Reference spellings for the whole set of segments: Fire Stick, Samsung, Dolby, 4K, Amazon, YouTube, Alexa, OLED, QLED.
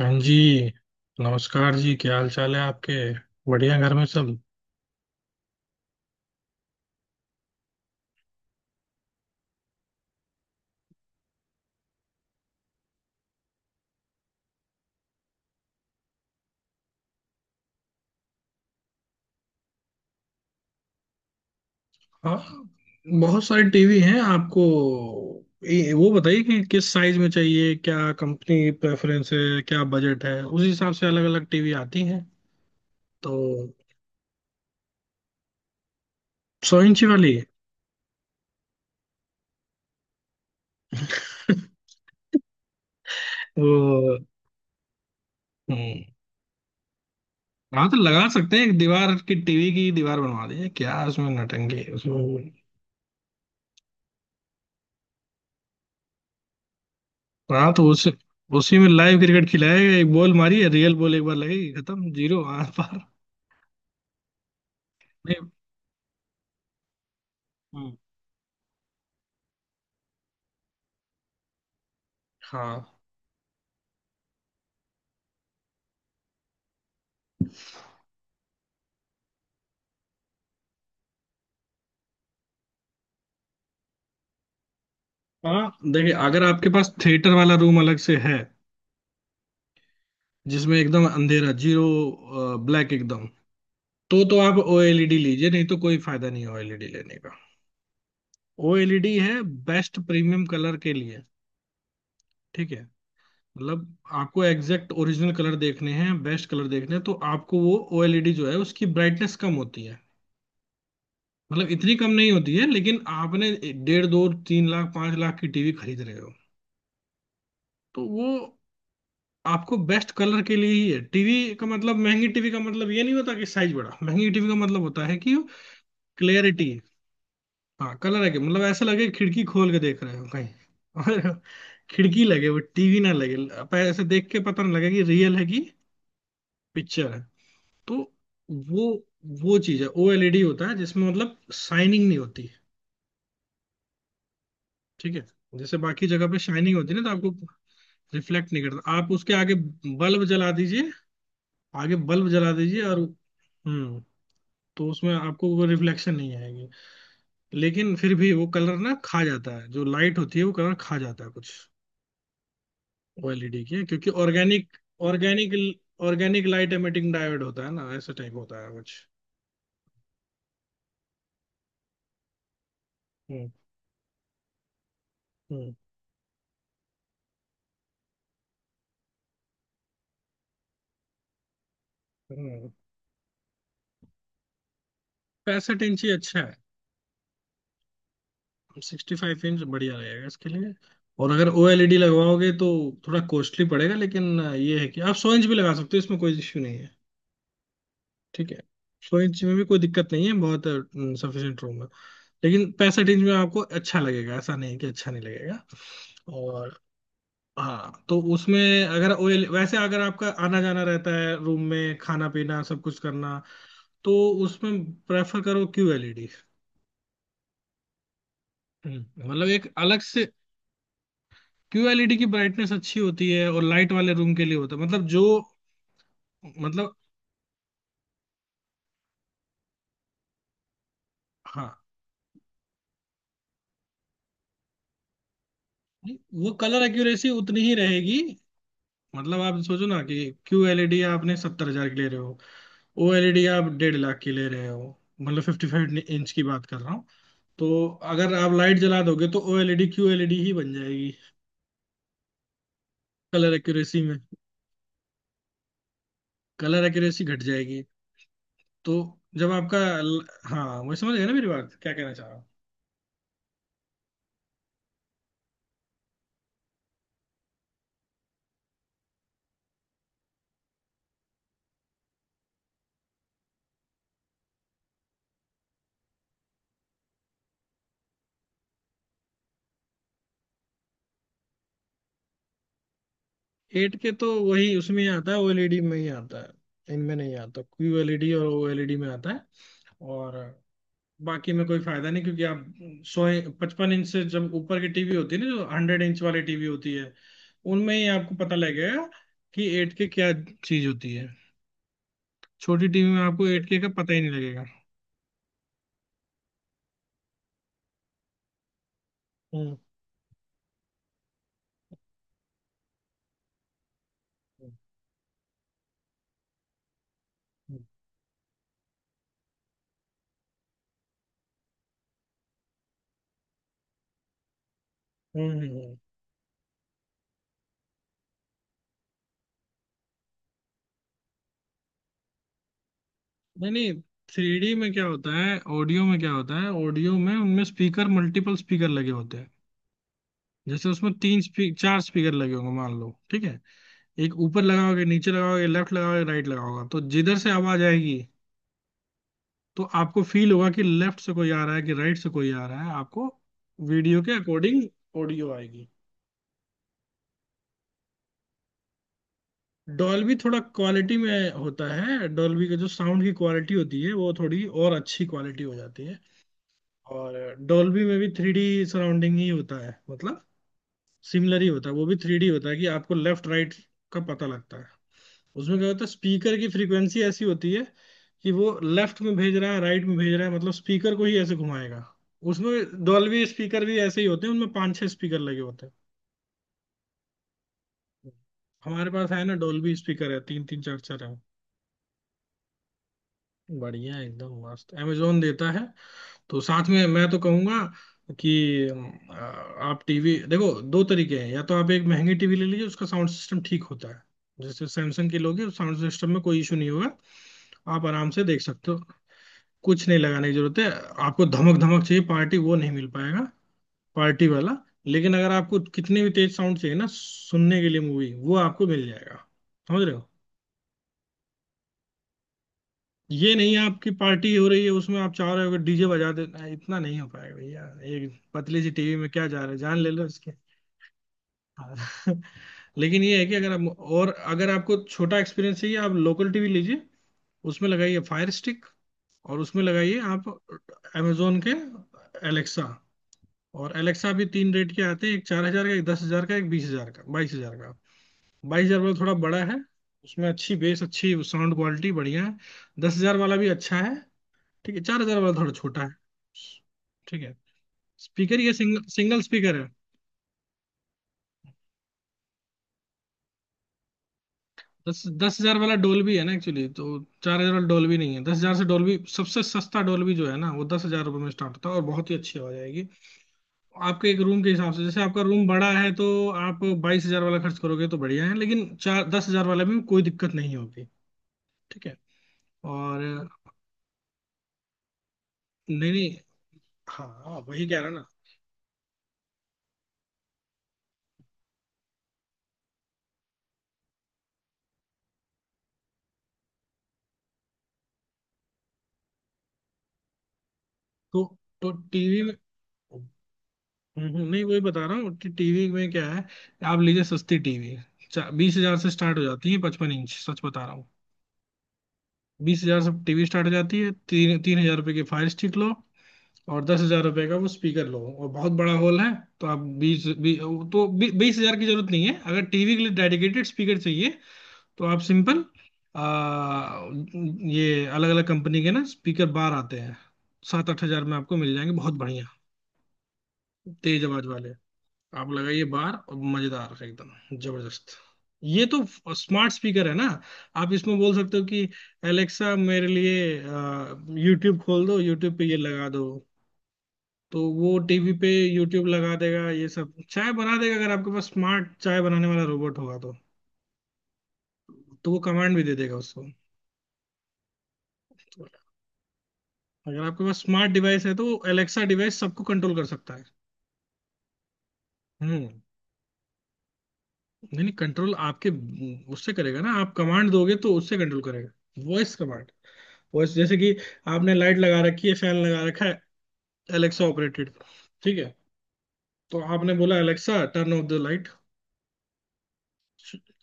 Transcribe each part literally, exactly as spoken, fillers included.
हाँ जी। नमस्कार जी। क्या हाल चाल है आपके? बढ़िया? घर में सब? हाँ, बहुत सारे टीवी हैं आपको। ये- वो बताइए कि किस साइज में चाहिए, क्या कंपनी प्रेफरेंस है, क्या बजट है। उस हिसाब से अलग अलग टीवी आती हैं तो। सौ इंची वाली। वो हम्म, हाँ, तो लगा सकते हैं, एक दीवार की टीवी की दीवार बनवा दीजिए, क्या उसमें नटंगी है, उसमें। हाँ, तो उस उसी में लाइव क्रिकेट खिलाएगा। एक बॉल मारी है, रियल बॉल एक बार लगेगी, खत्म, जीरो आर पार। हम्म, हाँ, हाँ, देखिए अगर आपके पास थिएटर वाला रूम अलग से है, जिसमें एकदम अंधेरा, जीरो ब्लैक, एकदम तो तो आप ओएलईडी लीजिए, नहीं तो कोई फायदा नहीं है ओएलईडी लेने का। ओएलईडी है बेस्ट प्रीमियम कलर के लिए। ठीक है। मतलब आपको एग्जैक्ट ओरिजिनल कलर देखने हैं, बेस्ट कलर देखने हैं तो आपको वो ओएलईडी जो है उसकी ब्राइटनेस कम होती है। मतलब इतनी कम नहीं होती है लेकिन आपने डेढ़, दो, तीन लाख, पांच लाख की टीवी खरीद रहे हो तो वो आपको बेस्ट कलर के लिए ही है। टीवी का मतलब, महंगी टीवी का मतलब ये नहीं होता कि साइज बड़ा, महंगी टीवी का मतलब होता है कि क्लियरिटी, हाँ, कलर है, कि मतलब ऐसा लगे कि खिड़की खोल के देख रहे हो कहीं। और खिड़की लगे, वो टीवी ना लगे, आप ऐसे देख के पता नहीं लगे कि रियल है कि पिक्चर है। तो वो वो चीज है, ओएलईडी होता है जिसमें मतलब शाइनिंग नहीं होती है। ठीक है, जैसे बाकी जगह पे शाइनिंग होती है ना तो आपको रिफ्लेक्ट नहीं करता। आप उसके आगे बल्ब जला दीजिए, आगे बल्ब जला दीजिए। और हम्म तो उसमें आपको वो रिफ्लेक्शन नहीं आएगी। लेकिन फिर भी वो कलर ना खा जाता है, जो लाइट होती है वो कलर खा जाता है कुछ ओएलईडी के, क्योंकि organic organic organic light emitting diode होता है ना, ऐसा टाइप होता है कुछ। हम्म, हम्म, हम्म। पैंसठ इंच ही अच्छा है। सिक्सटी फाइव इंच बढ़िया रहेगा इसके लिए। और अगर ओएलईडी लगवाओगे तो थोड़ा कॉस्टली पड़ेगा। लेकिन ये है कि आप सौ इंच भी लगा सकते हो, इसमें कोई इश्यू नहीं है। ठीक है, सौ इंच में भी कोई दिक्कत नहीं है, बहुत सफिशियंट रूम है। लेकिन पैसा रेंज में आपको अच्छा लगेगा, ऐसा नहीं कि अच्छा नहीं लगेगा। और हाँ, तो उसमें अगर ओएल वैसे अगर आपका आना जाना रहता है रूम में, खाना पीना सब कुछ करना, तो उसमें प्रेफर करो क्यूएलईडी। मतलब एक अलग से। क्यूएलईडी की ब्राइटनेस अच्छी होती है और लाइट वाले रूम के लिए होता है, मतलब जो, मतलब। हाँ, नहीं, वो कलर एक्यूरेसी उतनी ही रहेगी। मतलब आप सोचो ना, कि क्यू एलईडी आपने सत्तर हजार की ले रहे हो, ओ एलईडी आप डेढ़ लाख की ले रहे हो, मतलब फिफ्टी फाइव इंच की बात कर रहा हूँ। तो अगर आप लाइट जला दोगे तो ओ एलईडी क्यू एलईडी ही बन जाएगी। कलर एक्यूरेसी में, कलर एक्यूरेसी घट जाएगी। तो जब आपका ल- हाँ, वही, समझ गए ना मेरी बात, क्या कहना चाह रहा हूँ। एट के तो वही उसमें ही आता है, ओ एलईडी में ही आता है, इनमें नहीं आता। क्यू एलईडी और ओ एलईडी में आता है, और बाकी में कोई फायदा नहीं। क्योंकि आप सोए पचपन इंच से जब ऊपर की टीवी होती है ना, जो हंड्रेड इंच वाली टीवी होती है, उनमें ही आपको पता लगेगा कि एट के क्या चीज होती है। छोटी टीवी में आपको एट के का पता ही नहीं लगेगा। हम्म, हम्म, हम्म, हम्म। नहीं, नहीं, थ्री डी में क्या होता है, ऑडियो में क्या होता है, ऑडियो में उनमें स्पीकर, मल्टीपल स्पीकर लगे होते हैं। जैसे उसमें तीन स्पी, चार स्पीकर लगे होंगे मान लो, ठीक है। एक ऊपर लगाओगे, नीचे लगाओगे, लेफ्ट लगाओगे, राइट लगाओगे तो जिधर से आवाज आएगी, तो आपको फील होगा कि लेफ्ट से कोई आ रहा है कि राइट से कोई आ रहा है। आपको वीडियो के अकॉर्डिंग ऑडियो आएगी। डॉल्बी थोड़ा क्वालिटी में होता है, डॉल्बी का जो साउंड की क्वालिटी होती है, वो थोड़ी और अच्छी क्वालिटी हो जाती है। और डॉल्बी में भी थ्री डी सराउंडिंग ही होता है, मतलब सिमिलर ही होता है, वो भी थ्री डी होता है कि आपको लेफ्ट राइट का पता लगता है। उसमें क्या होता है, स्पीकर की फ्रीक्वेंसी ऐसी होती है कि वो लेफ्ट में भेज रहा है, राइट में भेज रहा है, मतलब स्पीकर को ही ऐसे घुमाएगा। उसमें डॉल्बी स्पीकर भी ऐसे ही होते हैं, उनमें पांच छह स्पीकर लगे होते हैं। हमारे पास है ना डॉल्बी स्पीकर है, तीन तीन चार चार है। बढ़िया है, एकदम मस्त। Amazon देता है तो साथ में, मैं तो कहूंगा कि अ, आप टीवी देखो, दो तरीके हैं, या तो आप एक महंगी टीवी ले लीजिए, उसका साउंड सिस्टम ठीक होता है। जैसे सैमसंग की लोगे, साउंड सिस्टम में कोई इशू नहीं होगा, आप आराम से देख सकते हो। कुछ नहीं लगाने की जरूरत है। आपको धमक धमक चाहिए पार्टी, वो नहीं मिल पाएगा, पार्टी वाला। लेकिन अगर आपको कितने भी तेज साउंड चाहिए ना सुनने के लिए मूवी, वो आपको मिल जाएगा। समझ रहे हो? ये नहीं आपकी पार्टी हो रही है, उसमें आप चाह रहे हो डीजे बजा देना, इतना नहीं हो पाएगा भैया। एक पतली सी टीवी में क्या जा रहा है, जान ले लो इसके। हाँ। लेकिन ये है कि अगर आप और अगर आपको छोटा एक्सपीरियंस चाहिए, आप लोकल टीवी लीजिए, उसमें लगाइए फायर स्टिक और उसमें लगाइए आप अमेजोन के एलेक्सा। और एलेक्सा भी तीन रेट के आते हैं, एक चार हजार का, एक दस हजार का, एक बीस हजार का, बाईस हजार का। बाईस हजार वाला थोड़ा बड़ा है, उसमें अच्छी बेस, अच्छी साउंड क्वालिटी बढ़िया है। दस हजार वाला भी अच्छा है, ठीक है। चार हजार वाला थोड़ा छोटा है, ठीक है। स्पीकर ये सिंगल सिंगल स्पीकर है। दस दस हजार वाला डोल्बी है ना, एक्चुअली तो। चार हजार वाला डोल्बी नहीं है, दस हजार से डोल्बी, सबसे सस्ता डोल्बी जो है ना, वो दस हजार रुपये में स्टार्ट होता है और बहुत ही अच्छी आवाज आएगी। आपके एक रूम के हिसाब से, जैसे आपका रूम बड़ा है तो आप बाईस हजार वाला खर्च करोगे तो बढ़िया है। लेकिन चार दस हजार वाला भी कोई दिक्कत नहीं होगी, ठीक है। और नहीं, नहीं, हाँ, वही कह रहा ना। तो तो टीवी में। हम्म, हम्म, नहीं, वही बता रहा हूँ कि टीवी में क्या है। आप लीजिए सस्ती टीवी, बीस हजार से स्टार्ट हो जाती है पचपन इंच, सच बता रहा हूँ। बीस हजार से टीवी स्टार्ट हो जाती है, तीन तीन हजार रुपये की फायर स्टिक लो, और दस हजार रुपए का वो स्पीकर लो और बहुत बड़ा हॉल है। तो आप बीस बी, तो बीस हजार की जरूरत नहीं है, अगर टीवी के लिए डेडिकेटेड स्पीकर चाहिए तो आप सिंपल आ, ये अलग अलग कंपनी के ना स्पीकर बार आते हैं। सात आठ हजार में आपको मिल जाएंगे बहुत बढ़िया, तेज आवाज वाले। आप लगाइए बार, और मजेदार, एकदम जबरदस्त। ये तो स्मार्ट स्पीकर है ना, आप इसमें बोल सकते हो कि एलेक्सा मेरे लिए यूट्यूब खोल दो, यूट्यूब पे ये लगा दो, तो वो टीवी पे यूट्यूब लगा देगा। ये सब चाय बना देगा अगर आपके पास स्मार्ट चाय बनाने वाला रोबोट होगा, तो तो वो कमांड भी दे देगा उसको। तो अगर आपके पास स्मार्ट डिवाइस है तो एलेक्सा डिवाइस सबको कंट्रोल कर सकता है। हम्म। नहीं, नहीं, कंट्रोल आपके, उससे करेगा ना, आप कमांड दोगे तो उससे कंट्रोल करेगा। वॉइस कमांड, वॉइस, जैसे कि आपने लाइट लगा रखी है, फैन लगा रखा है, एलेक्सा ऑपरेटेड। ठीक है, तो आपने बोला Alexa turn off the light,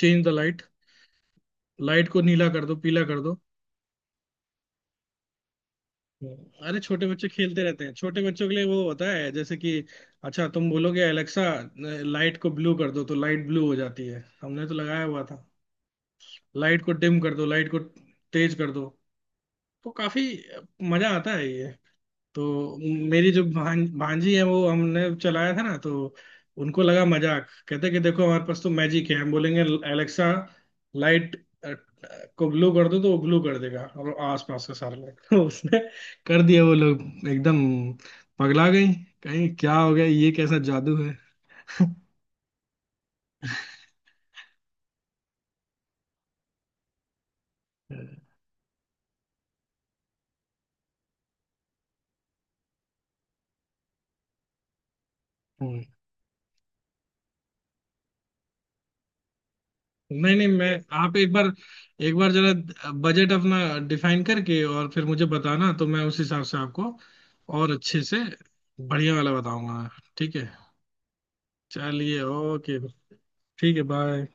change the light, light को नीला कर दो, पीला कर दो। हम्म, अरे छोटे बच्चे खेलते रहते हैं, छोटे बच्चों के लिए वो होता है, जैसे कि अच्छा तुम बोलोगे एलेक्सा लाइट को ब्लू कर दो तो लाइट ब्लू हो जाती है, हमने तो लगाया हुआ था। लाइट को डिम कर दो, लाइट को तेज कर दो, तो काफी मजा आता है ये। तो मेरी जो भां, भांजी है, वो हमने चलाया था ना तो उनको लगा मजाक, कहते कि देखो हमारे पास तो मैजिक है, हम बोलेंगे एलेक्सा लाइट को ब्लू कर दो तो वो ब्लू कर देगा और आसपास का सारा लाइट। तो उसने कर दिया, वो लोग एकदम पगला गई, कहीं क्या हो गया, ये कैसा जादू है। हम्म, नहीं, नहीं। मैं आप एक बार, एक बार जरा बजट अपना डिफाइन करके और फिर मुझे बताना तो मैं उस हिसाब से आपको और अच्छे से बढ़िया वाला बताऊंगा। ठीक है, चलिए, ओके, ठीक है, बाय।